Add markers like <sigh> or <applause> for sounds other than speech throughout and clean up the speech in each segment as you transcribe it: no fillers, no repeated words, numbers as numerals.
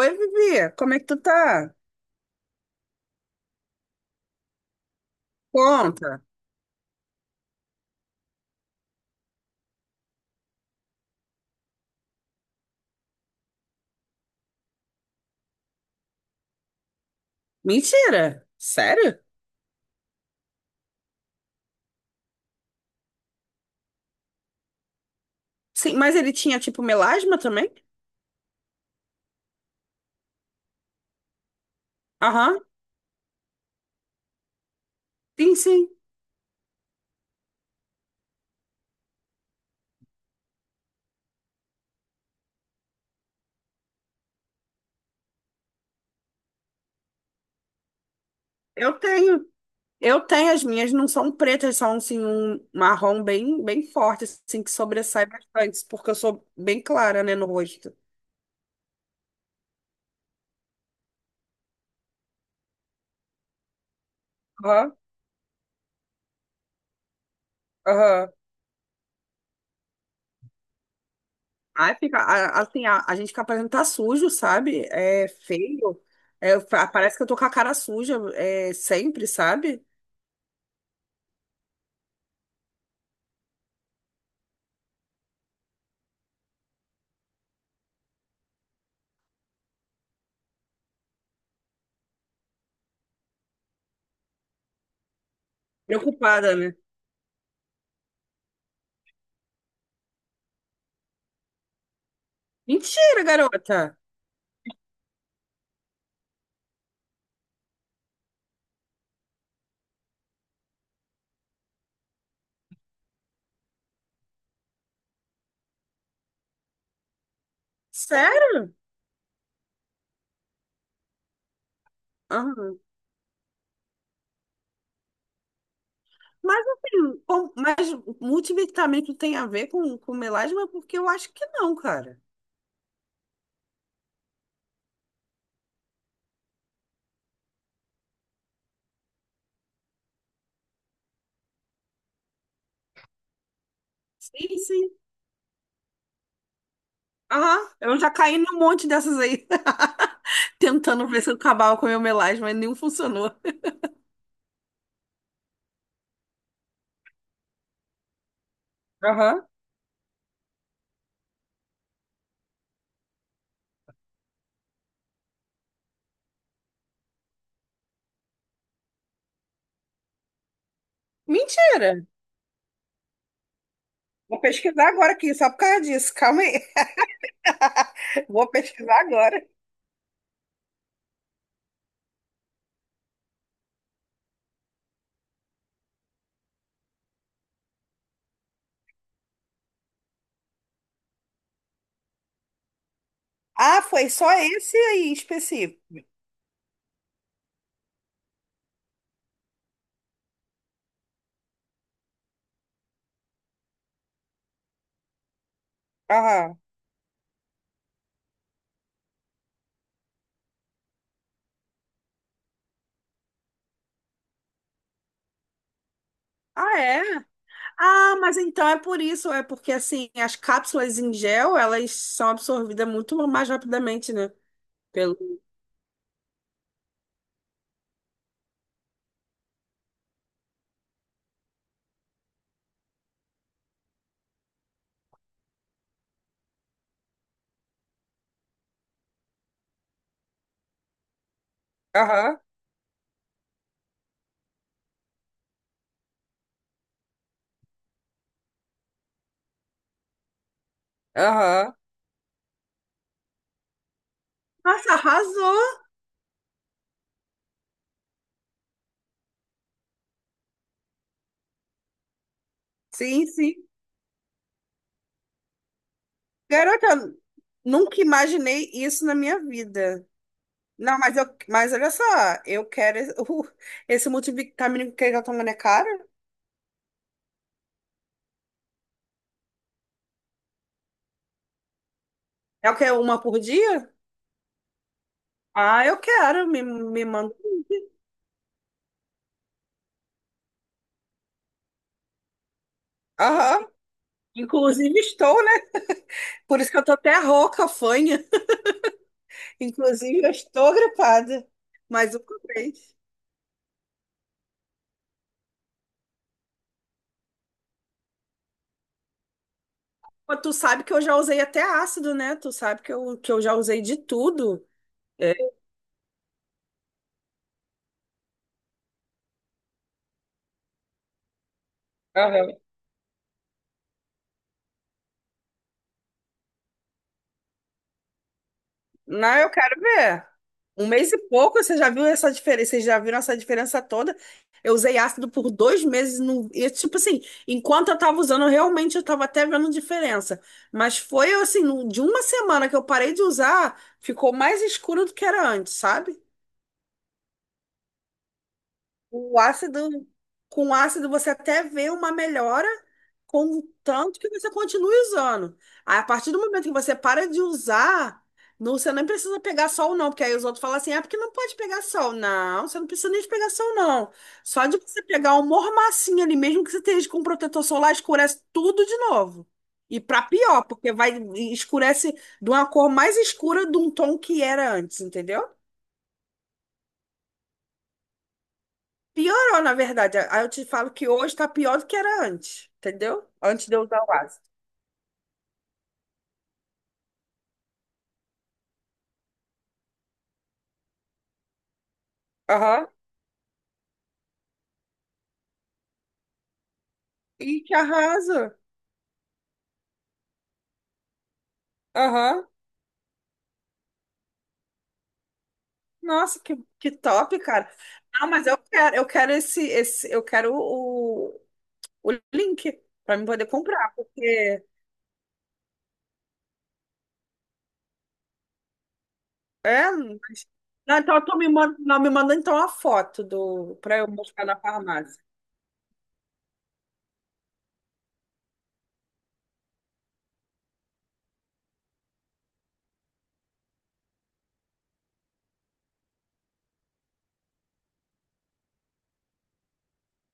Oi, Vivi, como é que tu tá? Conta. Mentira. Sério? Sim, mas ele tinha tipo melasma também? Aham. Sim, sim. Eu tenho. Eu tenho, as minhas não são pretas, são assim um marrom bem, bem forte, assim que sobressai bastante, porque eu sou bem clara, né, no rosto. Aham. Aham. Aí fica, assim, a gente fica parecendo que tá sujo, sabe? É feio. É, parece que eu tô com a cara suja, é, sempre, sabe? Preocupada, né? Mentira, garota. Sério? Aham. Mas assim, mas multivitamínico tem a ver com melasma? Porque eu acho que não, cara. Sim, sim. Aham, eu já caí num monte dessas aí, <laughs> tentando ver se eu acabava com o meu melasma, mas nenhum funcionou. Aham. Mentira! Vou pesquisar agora aqui, só por causa disso. Calma aí. <laughs> Vou pesquisar agora. Ah, foi só esse aí em específico. Aham. Ah, é? Ah, mas então é por isso, é porque assim, as cápsulas em gel, elas são absorvidas muito mais rapidamente, né? Pelo... Aham, aham. Nossa, arrasou! Sim, sim. Garota, nunca imaginei isso na minha vida. Não, mas, eu, mas olha só, eu quero esse, <laughs> esse multivitamínico que ele tá tomando é caro? É o que, uma por dia? Ah, eu quero, me manda. Aham. Inclusive estou, né? Por isso que eu tô até rouca, fanha. Inclusive, eu estou gripada, mas eu comprei. Pô, tu sabe que eu já usei até ácido, né? Tu sabe que eu já usei de tudo. É. Aham. Não, eu quero ver. Um mês e pouco, você já viu essa diferença? Vocês já viram essa diferença toda? Eu usei ácido por dois meses. No... E, tipo assim, enquanto eu tava usando, realmente eu tava até vendo diferença. Mas foi assim, de uma semana que eu parei de usar, ficou mais escuro do que era antes, sabe? O ácido, com o ácido você até vê uma melhora, com o tanto que você continue usando. Aí, a partir do momento que você para de usar, não, você nem precisa pegar sol, não, porque aí os outros falam assim: é porque não pode pegar sol. Não, você não precisa nem de pegar sol, não. Só de você pegar um mormacinho ali, mesmo que você esteja com protetor solar, escurece tudo de novo. E para pior, porque vai escurece de uma cor mais escura de um tom que era antes, entendeu? Piorou, na verdade. Aí eu te falo que hoje tá pior do que era antes, entendeu? Antes de eu usar o ácido. Aham. E que arrasa. Aham. Nossa, que top, cara. Não, mas eu quero esse, esse, eu quero o link para mim poder comprar, porque é, mas- Não, então eu tô me mandando, não, me manda então a foto do para eu mostrar na farmácia.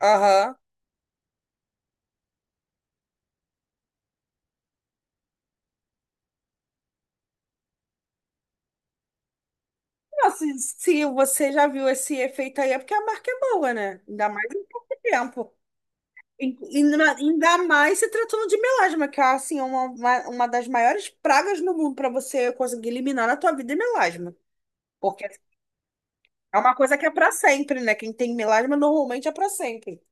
Aham. Nossa, se se você já viu esse efeito aí, é porque a marca é boa, né? Ainda mais em pouco tempo. Ainda ainda mais se tratando de melasma, que é assim, uma das maiores pragas no mundo para você conseguir eliminar na tua vida é melasma. Porque é uma coisa que é para sempre, né? Quem tem melasma normalmente é para sempre.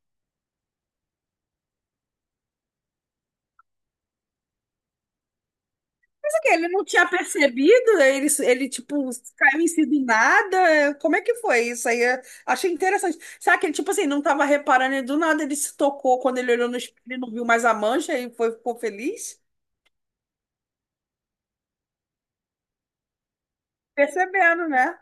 Só que ele não tinha percebido, ele tipo, caiu em si do nada. Como é que foi isso aí? Eu achei interessante. Será que ele, tipo assim, não tava reparando e do nada ele se tocou quando ele olhou no espelho e não viu mais a mancha e foi, ficou feliz? Percebendo, né?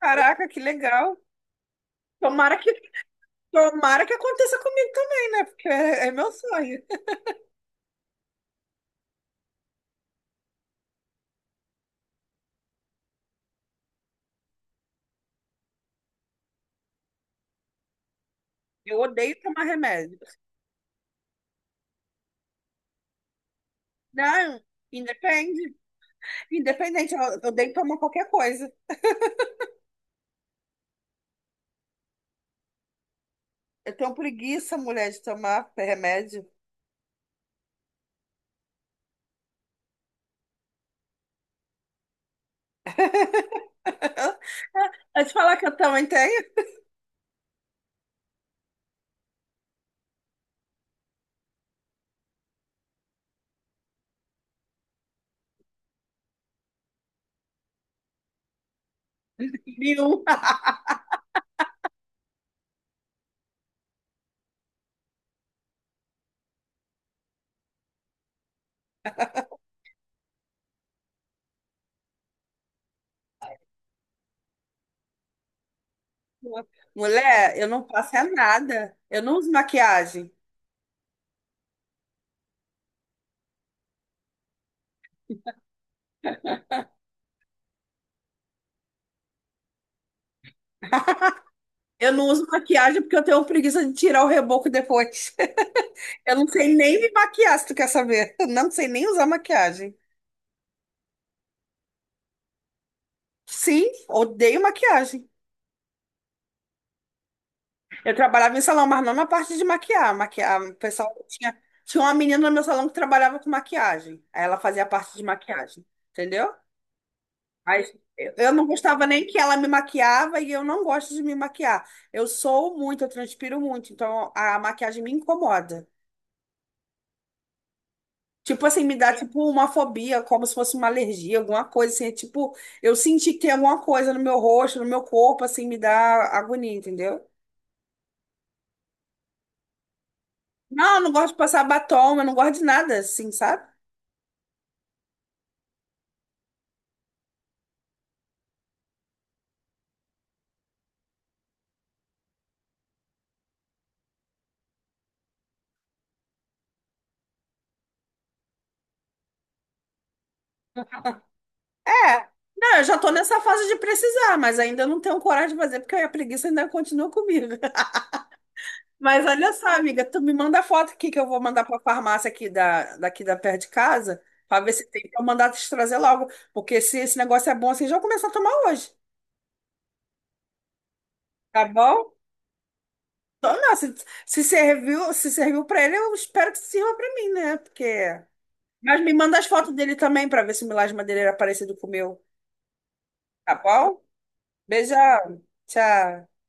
Caraca, que legal. Tomara que tomara que aconteça comigo também, né? Porque é, é meu sonho. Eu odeio tomar remédio. Não, independe. Independente, eu odeio tomar qualquer coisa. Eu tenho preguiça, mulher, de tomar remédio. <laughs> Eu te falar que eu também tenho, viu? <laughs> Mulher, eu não passo é nada. Eu não uso maquiagem. Eu não uso maquiagem porque eu tenho preguiça de tirar o reboco depois. <laughs> Eu não sei nem me maquiar, se tu quer saber. Eu não sei nem usar maquiagem. Sim, odeio maquiagem. Eu trabalhava em salão, mas não na parte de maquiar. Maquiar, o pessoal tinha, tinha uma menina no meu salão que trabalhava com maquiagem. Aí ela fazia a parte de maquiagem, entendeu? Mas eu não gostava nem que ela me maquiava e eu não gosto de me maquiar. Eu sou muito, eu transpiro muito, então a maquiagem me incomoda. Tipo assim, me dá tipo uma fobia, como se fosse uma alergia, alguma coisa assim. É. Tipo, eu senti que tem alguma coisa no meu rosto, no meu corpo, assim, me dá agonia, entendeu? Não, eu não gosto de passar batom, eu não gosto de nada, assim, sabe? É. Não, eu já tô nessa fase de precisar, mas ainda não tenho coragem de fazer, porque a preguiça ainda continua comigo. Mas olha só, amiga, tu me manda a foto aqui que eu vou mandar para a farmácia aqui da, daqui da perto de casa, para ver se tem para mandar te trazer logo, porque se esse negócio é bom assim, já vou começar a tomar hoje, tá bom? Então, não, se serviu, se serviu para ele, eu espero que sirva para mim, né? Porque mas me manda as fotos dele também para ver se o milagre de madeira era parecido com o meu, tá bom? Beijão. Tchau.